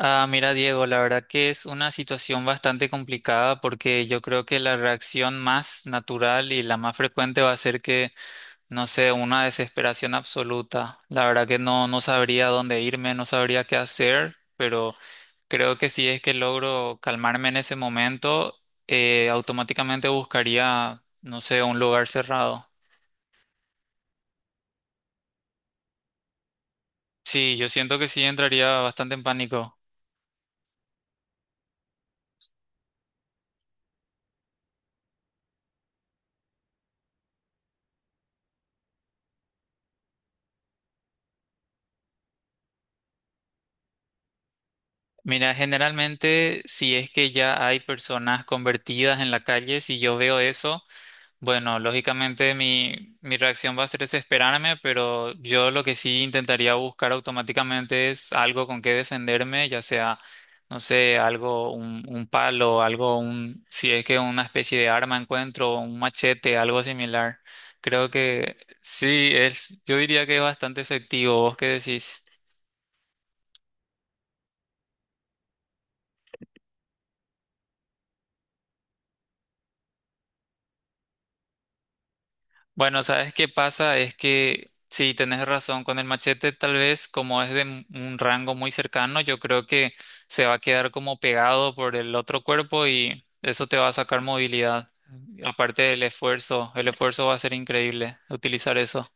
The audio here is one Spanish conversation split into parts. Ah, mira, Diego, la verdad que es una situación bastante complicada porque yo creo que la reacción más natural y la más frecuente va a ser que, no sé, una desesperación absoluta. La verdad que no, no sabría dónde irme, no sabría qué hacer, pero creo que si es que logro calmarme en ese momento, automáticamente buscaría, no sé, un lugar cerrado. Sí, yo siento que sí entraría bastante en pánico. Mira, generalmente si es que ya hay personas convertidas en la calle, si yo veo eso, bueno, lógicamente mi reacción va a ser desesperarme, pero yo lo que sí intentaría buscar automáticamente es algo con que defenderme, ya sea, no sé, algo, un palo, algo, un, si es que una especie de arma encuentro, un machete, algo similar. Creo que sí, es, yo diría que es bastante efectivo. ¿Vos qué decís? Bueno, ¿sabes qué pasa? Es que sí, tenés razón, con el machete tal vez como es un rango muy cercano, yo creo que se va a quedar como pegado por el otro cuerpo y eso te va a sacar movilidad. Aparte del esfuerzo, el esfuerzo va a ser increíble utilizar eso.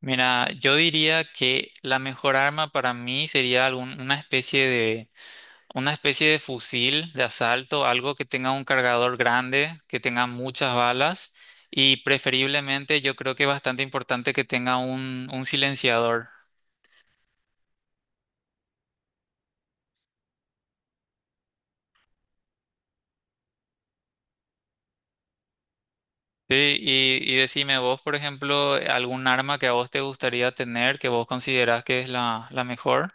Mira, yo diría que la mejor arma para mí sería una especie de una especie de fusil de asalto, algo que tenga un cargador grande, que tenga muchas balas y preferiblemente yo creo que es bastante importante que tenga un silenciador. Sí, y decime vos, por ejemplo, algún arma que a vos te gustaría tener, que vos considerás que es la, la mejor.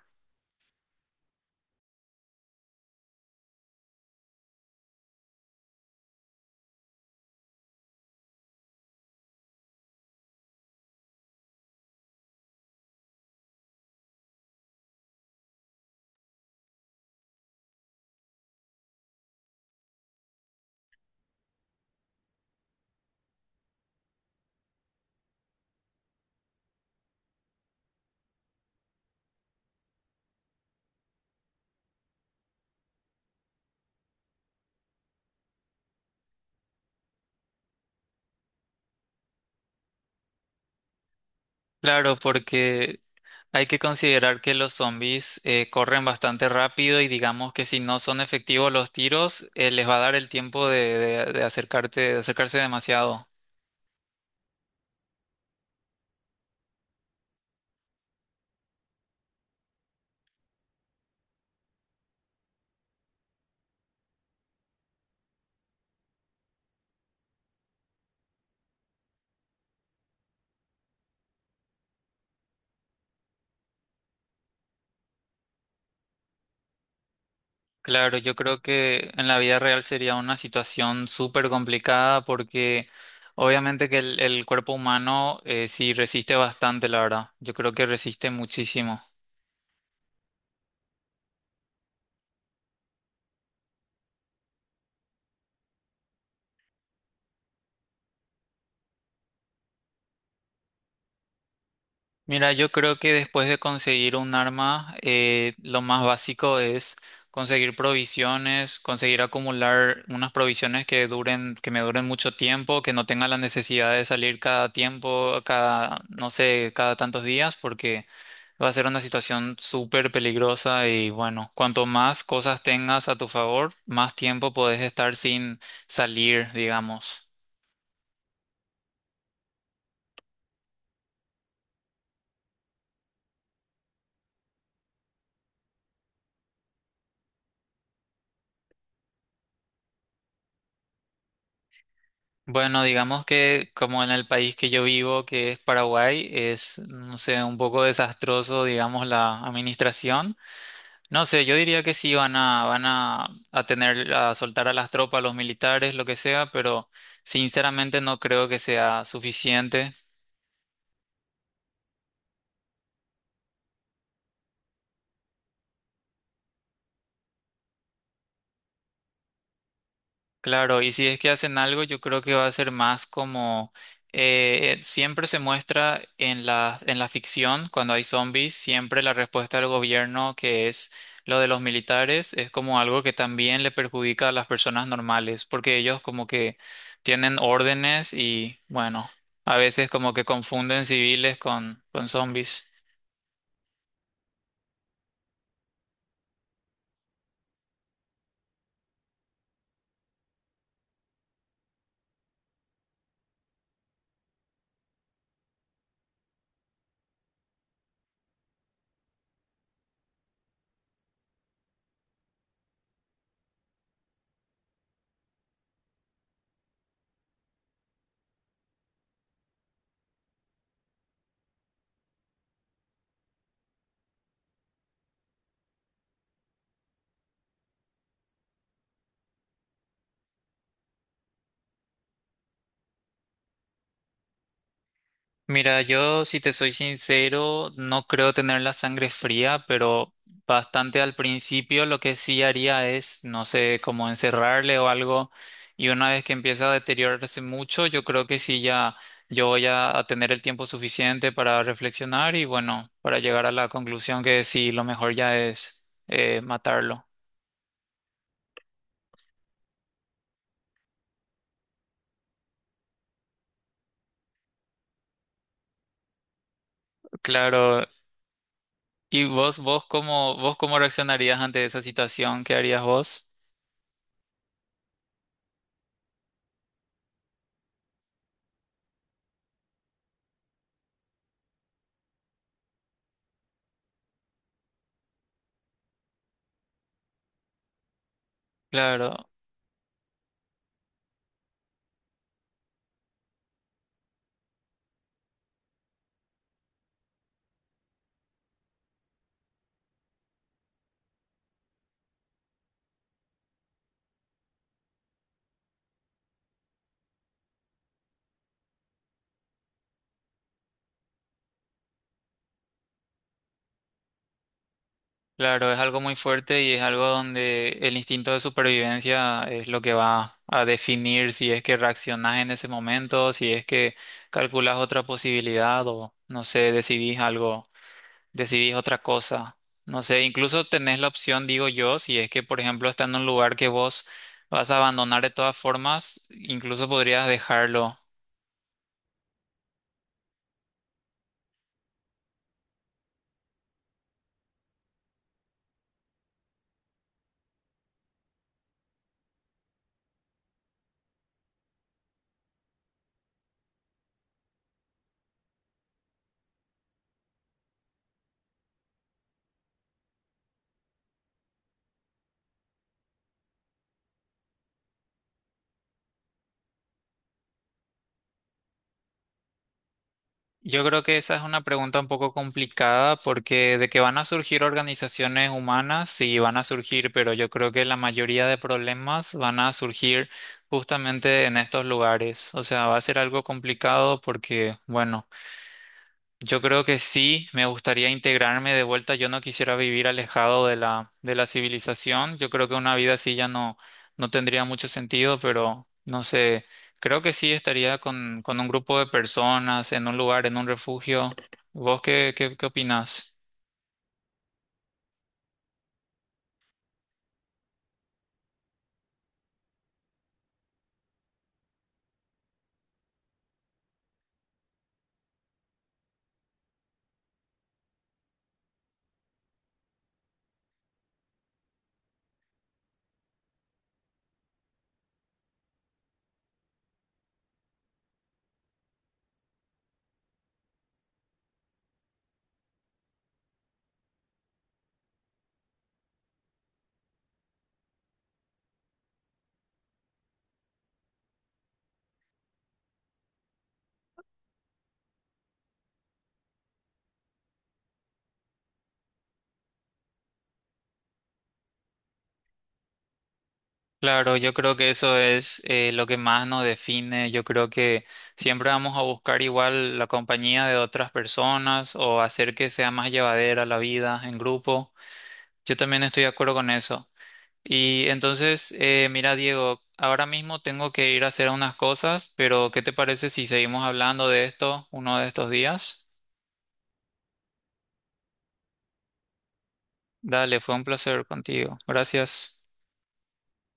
Claro, porque hay que considerar que los zombies corren bastante rápido y digamos que si no son efectivos los tiros, les va a dar el tiempo de, de acercarte, de acercarse demasiado. Claro, yo creo que en la vida real sería una situación súper complicada porque obviamente que el cuerpo humano sí resiste bastante, la verdad. Yo creo que resiste muchísimo. Mira, yo creo que después de conseguir un arma, lo más básico es conseguir provisiones, conseguir acumular unas provisiones que duren, que me duren mucho tiempo, que no tenga la necesidad de salir cada tiempo, cada, no sé, cada tantos días, porque va a ser una situación súper peligrosa y bueno, cuanto más cosas tengas a tu favor, más tiempo podés estar sin salir, digamos. Bueno, digamos que como en el país que yo vivo, que es Paraguay, es, no sé, un poco desastroso, digamos, la administración. No sé, yo diría que sí van a, van a tener, a soltar a las tropas, a los militares, lo que sea, pero sinceramente no creo que sea suficiente. Claro, y si es que hacen algo, yo creo que va a ser más como siempre se muestra en la ficción, cuando hay zombies, siempre la respuesta del gobierno, que es lo de los militares, es como algo que también le perjudica a las personas normales, porque ellos como que tienen órdenes y bueno, a veces como que confunden civiles con zombies. Mira, yo si te soy sincero, no creo tener la sangre fría, pero bastante al principio lo que sí haría es, no sé, como encerrarle o algo. Y una vez que empieza a deteriorarse mucho, yo creo que sí ya yo voy a tener el tiempo suficiente para reflexionar y bueno, para llegar a la conclusión que sí, lo mejor ya es matarlo. Claro. ¿Y vos, vos cómo reaccionarías ante esa situación? ¿Qué harías vos? Claro. Claro, es algo muy fuerte y es algo donde el instinto de supervivencia es lo que va a definir si es que reaccionás en ese momento, si es que calculas otra posibilidad o no sé, decidís algo, decidís otra cosa. No sé, incluso tenés la opción, digo yo, si es que por ejemplo está en un lugar que vos vas a abandonar de todas formas, incluso podrías dejarlo. Yo creo que esa es una pregunta un poco complicada porque de que van a surgir organizaciones humanas, sí van a surgir, pero yo creo que la mayoría de problemas van a surgir justamente en estos lugares. O sea, va a ser algo complicado porque, bueno. Yo creo que sí, me gustaría integrarme de vuelta. Yo no quisiera vivir alejado de la civilización. Yo creo que una vida así ya no, no tendría mucho sentido, pero no sé, creo que sí estaría con un grupo de personas, en un lugar, en un refugio. ¿Vos qué, qué, qué opinás? Claro, yo creo que eso es lo que más nos define. Yo creo que siempre vamos a buscar igual la compañía de otras personas o hacer que sea más llevadera la vida en grupo. Yo también estoy de acuerdo con eso. Y entonces, mira, Diego, ahora mismo tengo que ir a hacer unas cosas, pero ¿qué te parece si seguimos hablando de esto uno de estos días? Dale, fue un placer contigo. Gracias.